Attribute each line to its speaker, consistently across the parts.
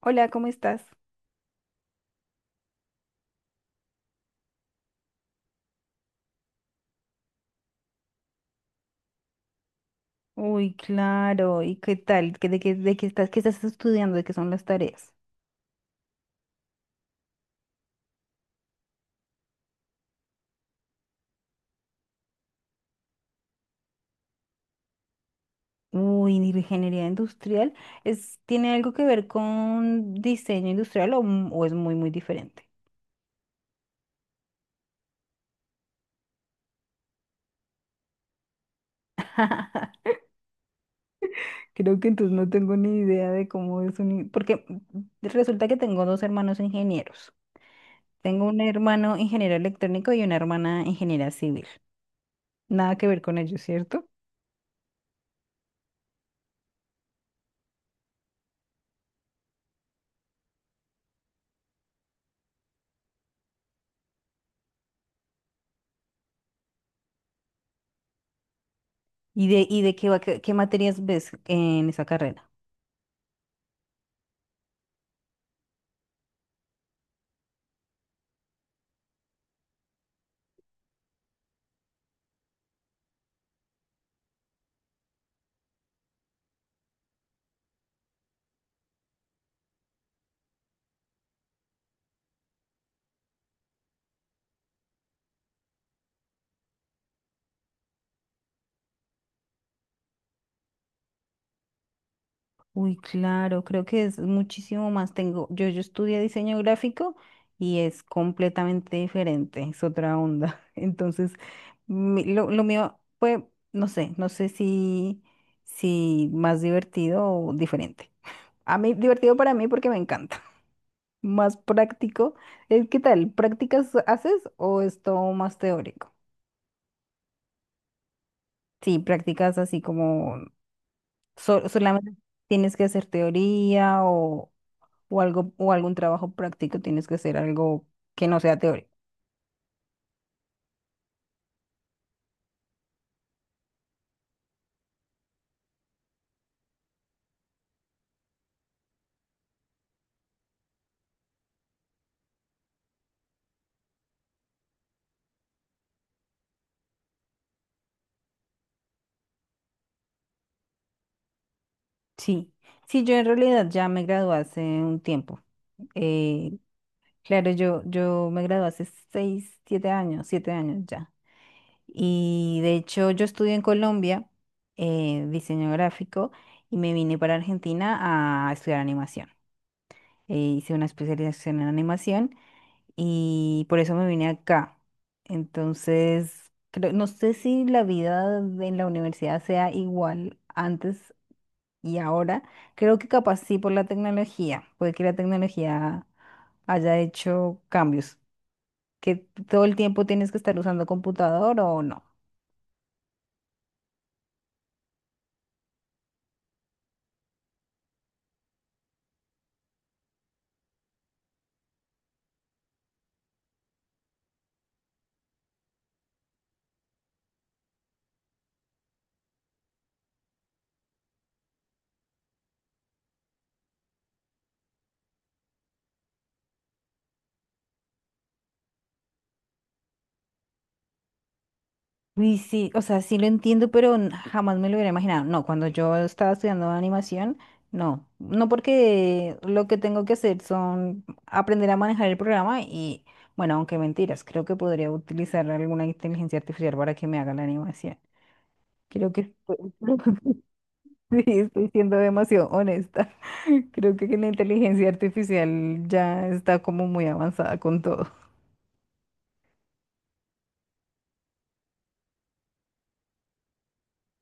Speaker 1: Hola, ¿cómo estás? Uy, claro. ¿Y qué tal? ¿Qué estás estudiando? ¿De qué son las tareas? Uy, de ingeniería industrial. ¿Es, tiene algo que ver con diseño industrial o, m- o es muy, muy diferente? Creo que entonces no tengo ni idea de cómo es un... in- Porque resulta que tengo dos hermanos ingenieros. Tengo un hermano ingeniero electrónico y una hermana ingeniera civil. Nada que ver con ellos, ¿cierto? ¿Y de qué va, qué materias ves en esa carrera? Uy, claro, creo que es muchísimo más. Tengo, yo estudié diseño gráfico y es completamente diferente, es otra onda. Entonces, mi- lo mío fue, no sé, no sé si, si más divertido o diferente. A mí, divertido para mí porque me encanta. Más práctico. ¿Qué tal? ¿Prácticas haces o es todo más teórico? Sí, prácticas así como so- solamente tienes que hacer teoría o algo, o algún trabajo práctico, tienes que hacer algo que no sea teórico. Sí, sí, yo en realidad ya me gradué hace un tiempo. Eh, claro, yo me gradué hace seis, siete años ya. Y de hecho yo estudié en Colombia diseño gráfico y me vine para Argentina a estudiar animación. Hice una especialización en animación y por eso me vine acá. Entonces, creo- no sé si la vida en la universidad sea igual antes y ahora. Creo que capaz sí por la tecnología, puede que la tecnología haya hecho cambios, que todo el tiempo tienes que estar usando computador o no. Uy, sí, o sea, sí lo entiendo, pero n- jamás me lo hubiera imaginado. No, cuando yo estaba estudiando animación, no. No porque lo que tengo que hacer son aprender a manejar el programa y, bueno, aunque mentiras, creo que podría utilizar alguna inteligencia artificial para que me haga la animación. Creo que estoy- sí, estoy siendo demasiado honesta. Creo que la inteligencia artificial ya está como muy avanzada con todo.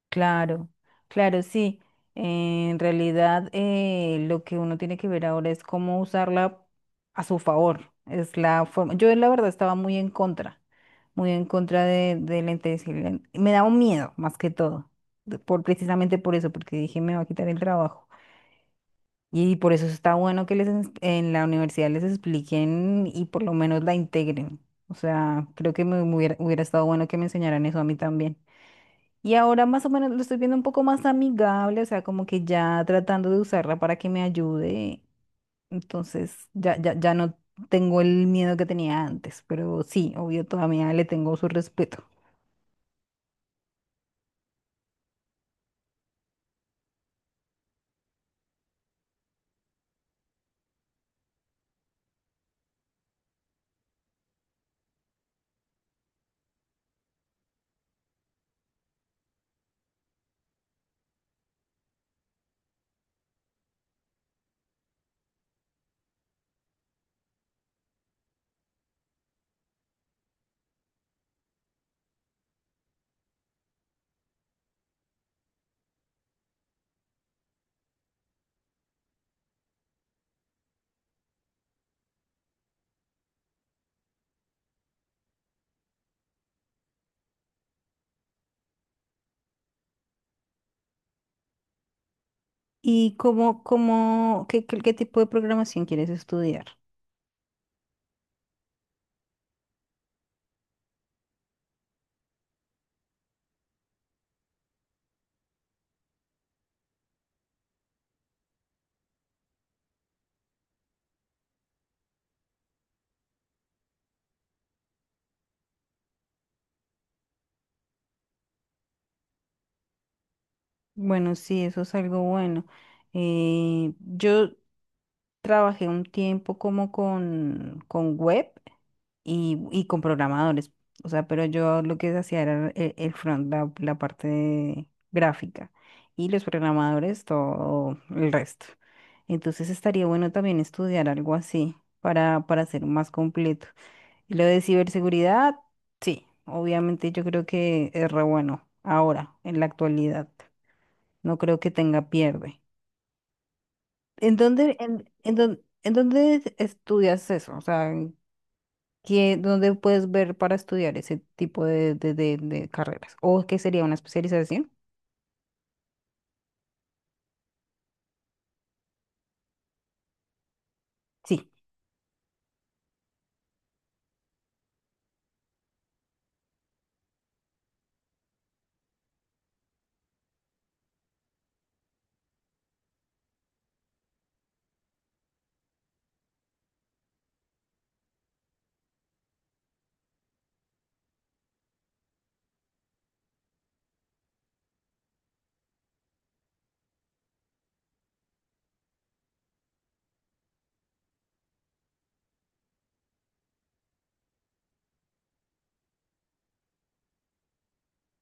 Speaker 1: Claro, claro, sí. En realidad, lo que uno tiene que ver ahora es cómo usarla a su favor. Es la forma. Yo, la verdad, estaba muy en contra de la intensidad. Me daba un miedo, más que todo, de- por, precisamente por eso, porque dije, me va a quitar el trabajo. Y por eso está bueno que les ens- en la universidad les expliquen y por lo menos la integren. O sea, creo que me hubiera estado bueno que me enseñaran eso a mí también. Y ahora más o menos lo estoy viendo un poco más amigable, o sea, como que ya tratando de usarla para que me ayude. Entonces, ya, ya, ya no tengo el miedo que tenía antes, pero sí, obvio, todavía le tengo su respeto. ¿Y qué tipo de programación quieres estudiar? Bueno, sí, eso es algo bueno. Yo trabajé un tiempo como con web. Y con programadores. O sea, pero yo lo que hacía era el front, la parte gráfica y los programadores, todo el resto. Entonces estaría bueno también estudiar algo así para ser más completo. Y lo de ciberseguridad, sí, obviamente yo creo que es re bueno ahora, en la actualidad. No creo que tenga pierde. ¿En dónde estudias eso? O sea, que- ¿Dónde puedes ver para estudiar ese tipo de, de carreras? ¿O qué sería una especialización? Sí,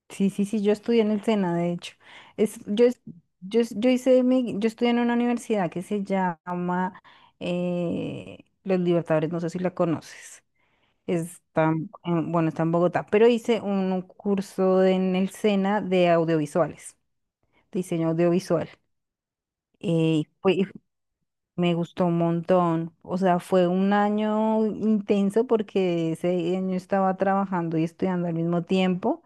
Speaker 1: sí, yo estudié en el SENA, de hecho. Es, yo, es- yo hice mi, yo estudié en una universidad que se llama Los Libertadores, no sé si la conoces. Está, en- bueno, está en Bogotá, pero hice un curso en el SENA de audiovisuales, diseño audiovisual. Me gustó un montón. O sea, fue un año intenso porque ese año estaba trabajando y estudiando al mismo tiempo.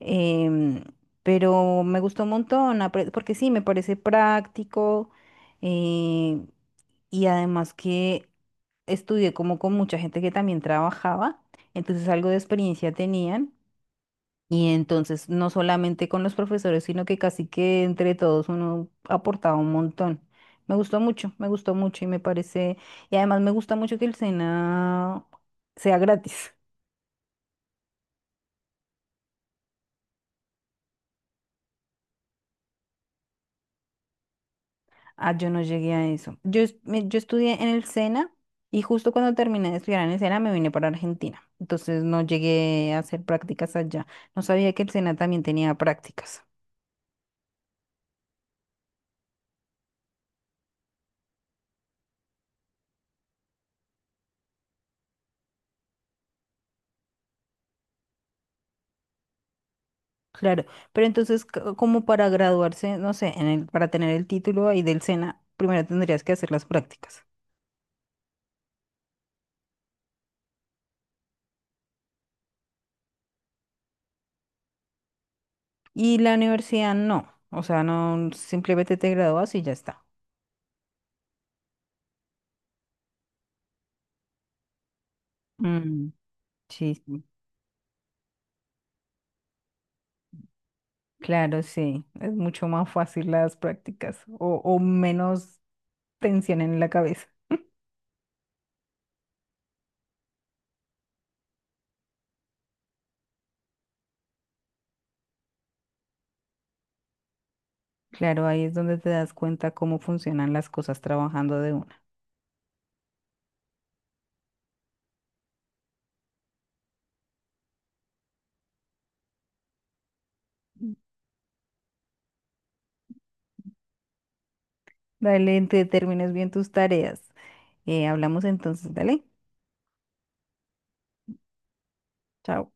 Speaker 1: em, pero me gustó un montón, apre- porque sí, me parece práctico. eh, y además que estudié como con mucha gente que también trabajaba, entonces algo de experiencia tenían. Y entonces, no solamente con los profesores, sino que casi que entre todos uno aportaba un montón. Me gustó mucho y me parece, y además me gusta mucho que el SENA sea gratis. Ah, yo no llegué a eso. Yo, yo estudié en el SENA y justo cuando terminé de estudiar en el SENA me vine para Argentina. Entonces no llegué a hacer prácticas allá. No sabía que el SENA también tenía prácticas. Claro, pero entonces co- como para graduarse, no sé, en el, para tener el título ahí del SENA, primero tendrías que hacer las prácticas. Y la universidad no, o sea, no, simplemente te gradúas y ya está. Mm, sí, sí, claro, sí, es mucho más fácil las prácticas o menos tensión en la cabeza. Claro, ahí es donde te das cuenta cómo funcionan las cosas trabajando de una. Dale, te termines bien tus tareas. Hablamos entonces, dale, chao.